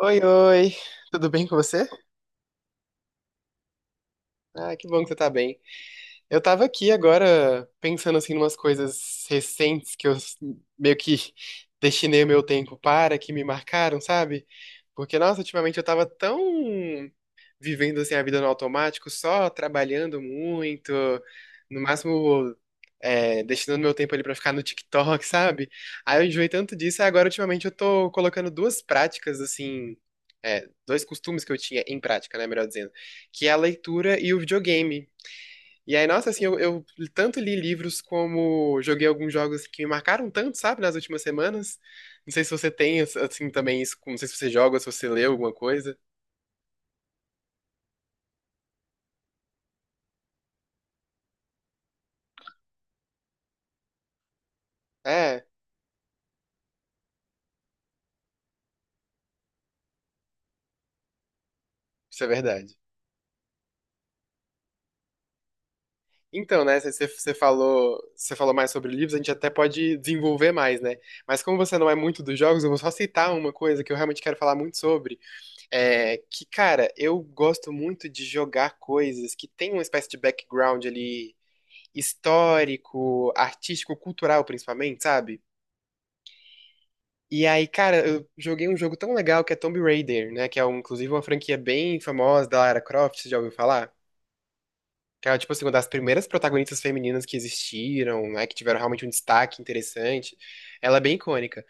Oi, oi, tudo bem com você? Ah, que bom que você tá bem. Eu tava aqui agora pensando assim umas coisas recentes que eu s- meio que destinei o meu tempo para, que me marcaram, sabe? Porque, nossa, ultimamente eu tava tão vivendo assim, a vida no automático, só trabalhando muito, no máximo destinando meu tempo ali pra ficar no TikTok, sabe? Aí eu enjoei tanto disso, e agora ultimamente eu tô colocando duas práticas assim, dois costumes que eu tinha em prática, né, melhor dizendo, que é a leitura e o videogame. E aí, nossa, assim, eu tanto li livros como joguei alguns jogos que me marcaram tanto, sabe, nas últimas semanas. Não sei se você tem, assim, também isso, não sei se você joga, se você lê alguma coisa. É, isso é verdade. Então, né, você falou, você falou mais sobre livros, a gente até pode desenvolver mais, né? Mas como você não é muito dos jogos, eu vou só citar uma coisa que eu realmente quero falar muito sobre, é que, cara, eu gosto muito de jogar coisas que tem uma espécie de background ali histórico, artístico, cultural principalmente, sabe? E aí, cara, eu joguei um jogo tão legal que é Tomb Raider, né, que é um, inclusive uma franquia bem famosa da Lara Croft, você já ouviu falar? Cara, tipo assim, uma das primeiras protagonistas femininas que existiram, né, que tiveram realmente um destaque interessante, ela é bem icônica.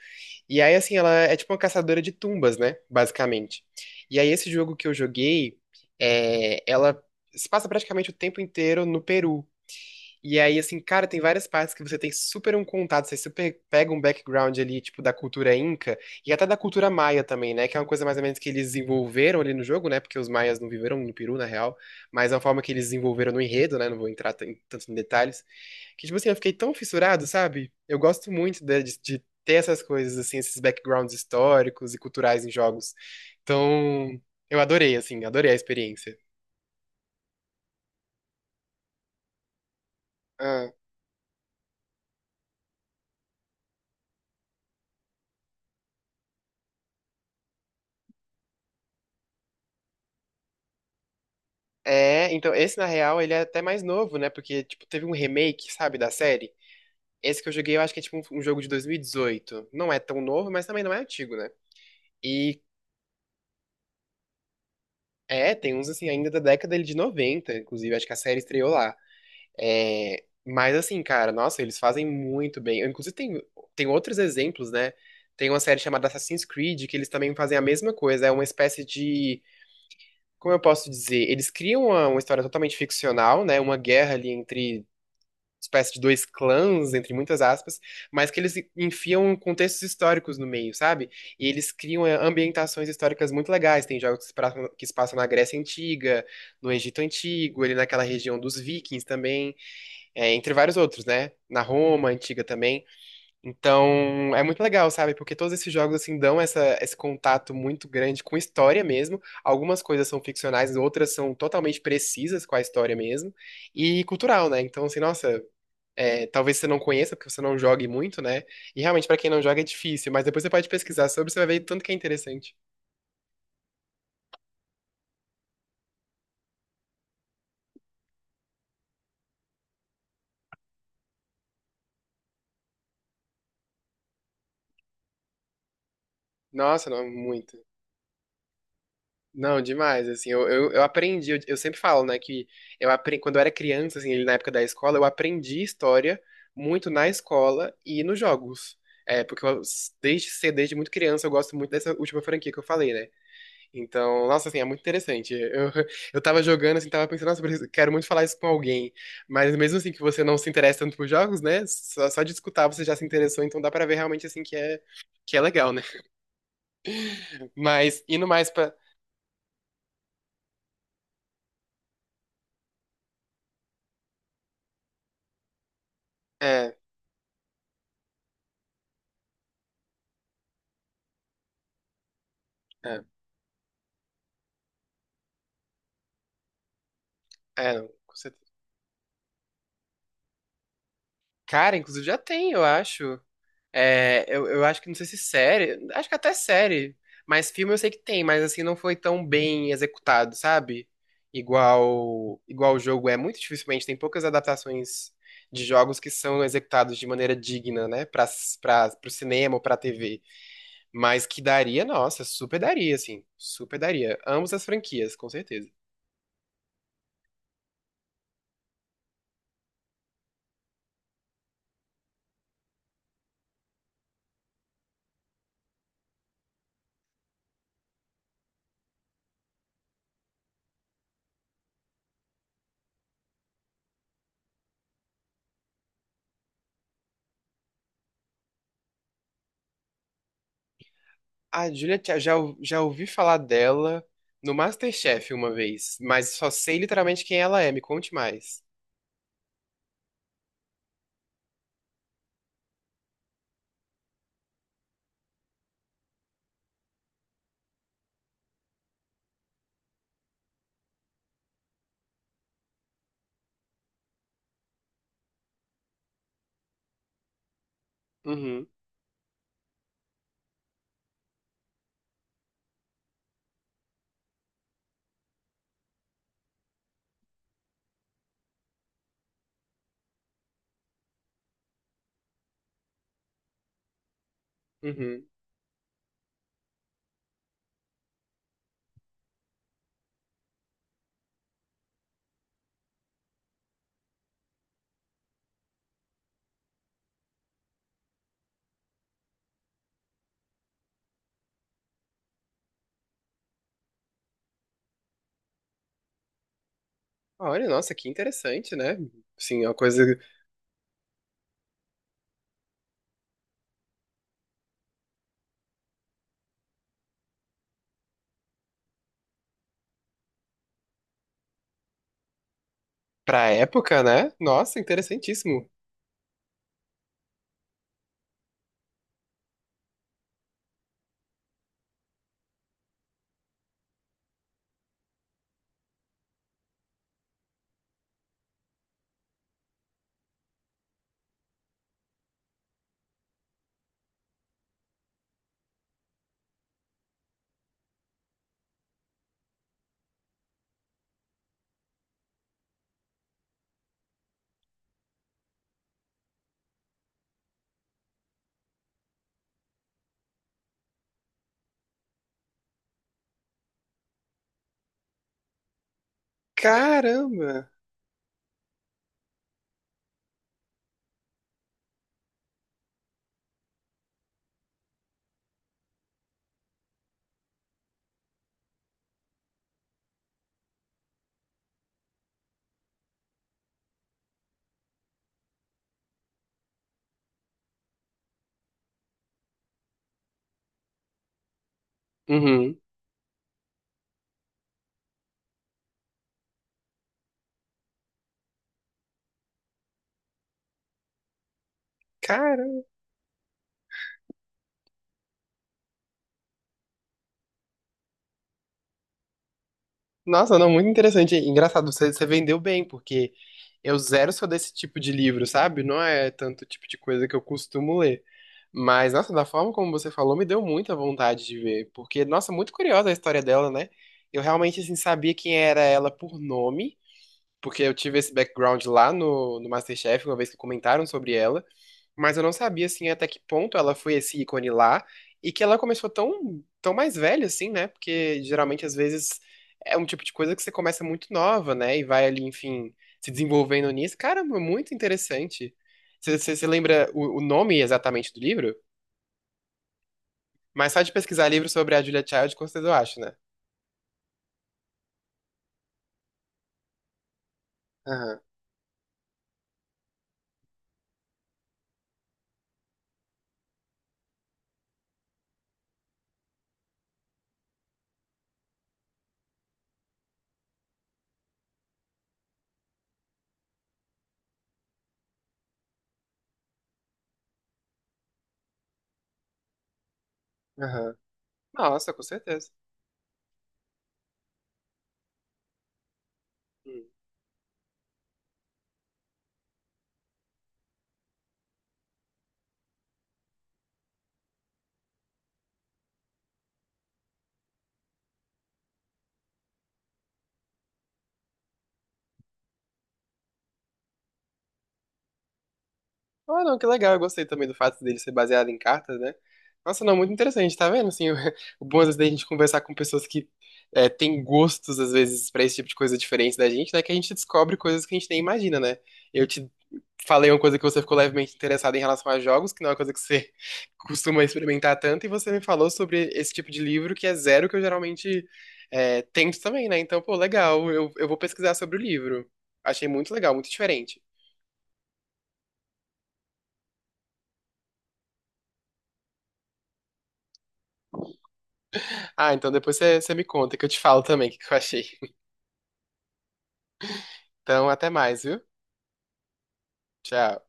E aí, assim, ela é tipo uma caçadora de tumbas, né, basicamente. E aí, esse jogo que eu joguei, ela se passa praticamente o tempo inteiro no Peru. E aí, assim, cara, tem várias partes que você tem super um contato, você super pega um background ali, tipo, da cultura inca e até da cultura maia também, né? Que é uma coisa mais ou menos que eles desenvolveram ali no jogo, né? Porque os maias não viveram no Peru, na real, mas é uma forma que eles desenvolveram no enredo, né? Não vou entrar tanto em detalhes. Que, tipo assim, eu fiquei tão fissurado, sabe? Eu gosto muito de ter essas coisas, assim, esses backgrounds históricos e culturais em jogos. Então, eu adorei, assim, adorei a experiência. Ah, É, então, esse na real, ele é até mais novo, né? Porque, tipo, teve um remake, sabe, da série. Esse que eu joguei, eu acho que é tipo um jogo de 2018. Não é tão novo, mas também não é antigo, né? E é, tem uns assim, ainda da década ele de 90, inclusive, acho que a série estreou lá. É, mas assim, cara, nossa, eles fazem muito bem. Eu, inclusive, tem, tem outros exemplos, né? Tem uma série chamada Assassin's Creed, que eles também fazem a mesma coisa. É uma espécie de. Como eu posso dizer? Eles criam uma história totalmente ficcional, né? Uma guerra ali entre espécie de dois clãs, entre muitas aspas, mas que eles enfiam contextos históricos no meio, sabe? E eles criam ambientações históricas muito legais. Tem jogos que se passam na Grécia Antiga, no Egito Antigo, ali naquela região dos Vikings também, entre vários outros, né? Na Roma Antiga também. Então, é muito legal, sabe? Porque todos esses jogos, assim, dão essa, esse contato muito grande com história mesmo. Algumas coisas são ficcionais, outras são totalmente precisas com a história mesmo. E cultural, né? Então, assim, nossa, talvez você não conheça, porque você não jogue muito, né? E realmente, pra quem não joga, é difícil, mas depois você pode pesquisar sobre, você vai ver tanto que é interessante. Nossa, não, muito. Não, demais, assim, eu aprendi, eu sempre falo, né, que eu aprendi, quando eu era criança, assim, na época da escola, eu aprendi história muito na escola e nos jogos. É, porque eu, desde cedo, desde muito criança, eu gosto muito dessa última franquia que eu falei, né? Então, nossa, assim, é muito interessante. Eu, eu tava jogando, assim, tava pensando, nossa, quero muito falar isso com alguém. Mas mesmo assim que você não se interessa tanto por jogos, né? Só de escutar você já se interessou, então dá pra ver realmente, assim, que é legal, né? Mas, indo mais pra... É, é, não, com certeza. Cara, inclusive já tem, eu acho. É, eu acho que não sei se série, acho que até série, mas filme eu sei que tem, mas assim não foi tão bem executado, sabe? Igual o jogo é muito dificilmente tem poucas adaptações de jogos que são executados de maneira digna, né, para pro cinema ou pra TV, mas que daria, nossa, super daria assim, super daria. Ambas as franquias, com certeza. A Julia Ch- já ou- já ouvi falar dela no MasterChef uma vez, mas só sei literalmente quem ela é, me conte mais. Uhum. Uhum. Olha, nossa, que interessante, né? Sim, é uma coisa pra época, né? Nossa, interessantíssimo. Caramba! Uhum. Caramba! Nossa, não, muito interessante. Engraçado, você vendeu bem, porque eu zero sou desse tipo de livro, sabe? Não é tanto tipo de coisa que eu costumo ler. Mas, nossa, da forma como você falou, me deu muita vontade de ver. Porque, nossa, muito curiosa a história dela, né? Eu realmente, assim, sabia quem era ela por nome. Porque eu tive esse background lá no MasterChef, uma vez que comentaram sobre ela, mas eu não sabia, assim, até que ponto ela foi esse ícone lá e que ela começou tão mais velha, assim, né? Porque geralmente, às vezes, é um tipo de coisa que você começa muito nova, né? E vai ali, enfim, se desenvolvendo nisso. Caramba, muito interessante. Você lembra o nome exatamente do livro? Mas só de pesquisar livro sobre a Julia Child, com certeza eu acho, né? Aham, aham. Nossa, com certeza. Ah, não, que legal. Eu gostei também do fato dele ser baseado em cartas, né? Nossa, não, muito interessante, tá vendo? Assim, o, o bom às vezes da gente conversar com pessoas que têm gostos, às vezes, pra esse tipo de coisa diferente da gente, né? Que a gente descobre coisas que a gente nem imagina, né? Eu te falei uma coisa que você ficou levemente interessada em relação a jogos, que não é uma coisa que você costuma experimentar tanto, e você me falou sobre esse tipo de livro que é zero que eu geralmente tento também, né? Então, pô, legal, eu vou pesquisar sobre o livro. Achei muito legal, muito diferente. Ah, então depois você me conta que eu te falo também o que que eu achei. Então, até mais, viu? Tchau.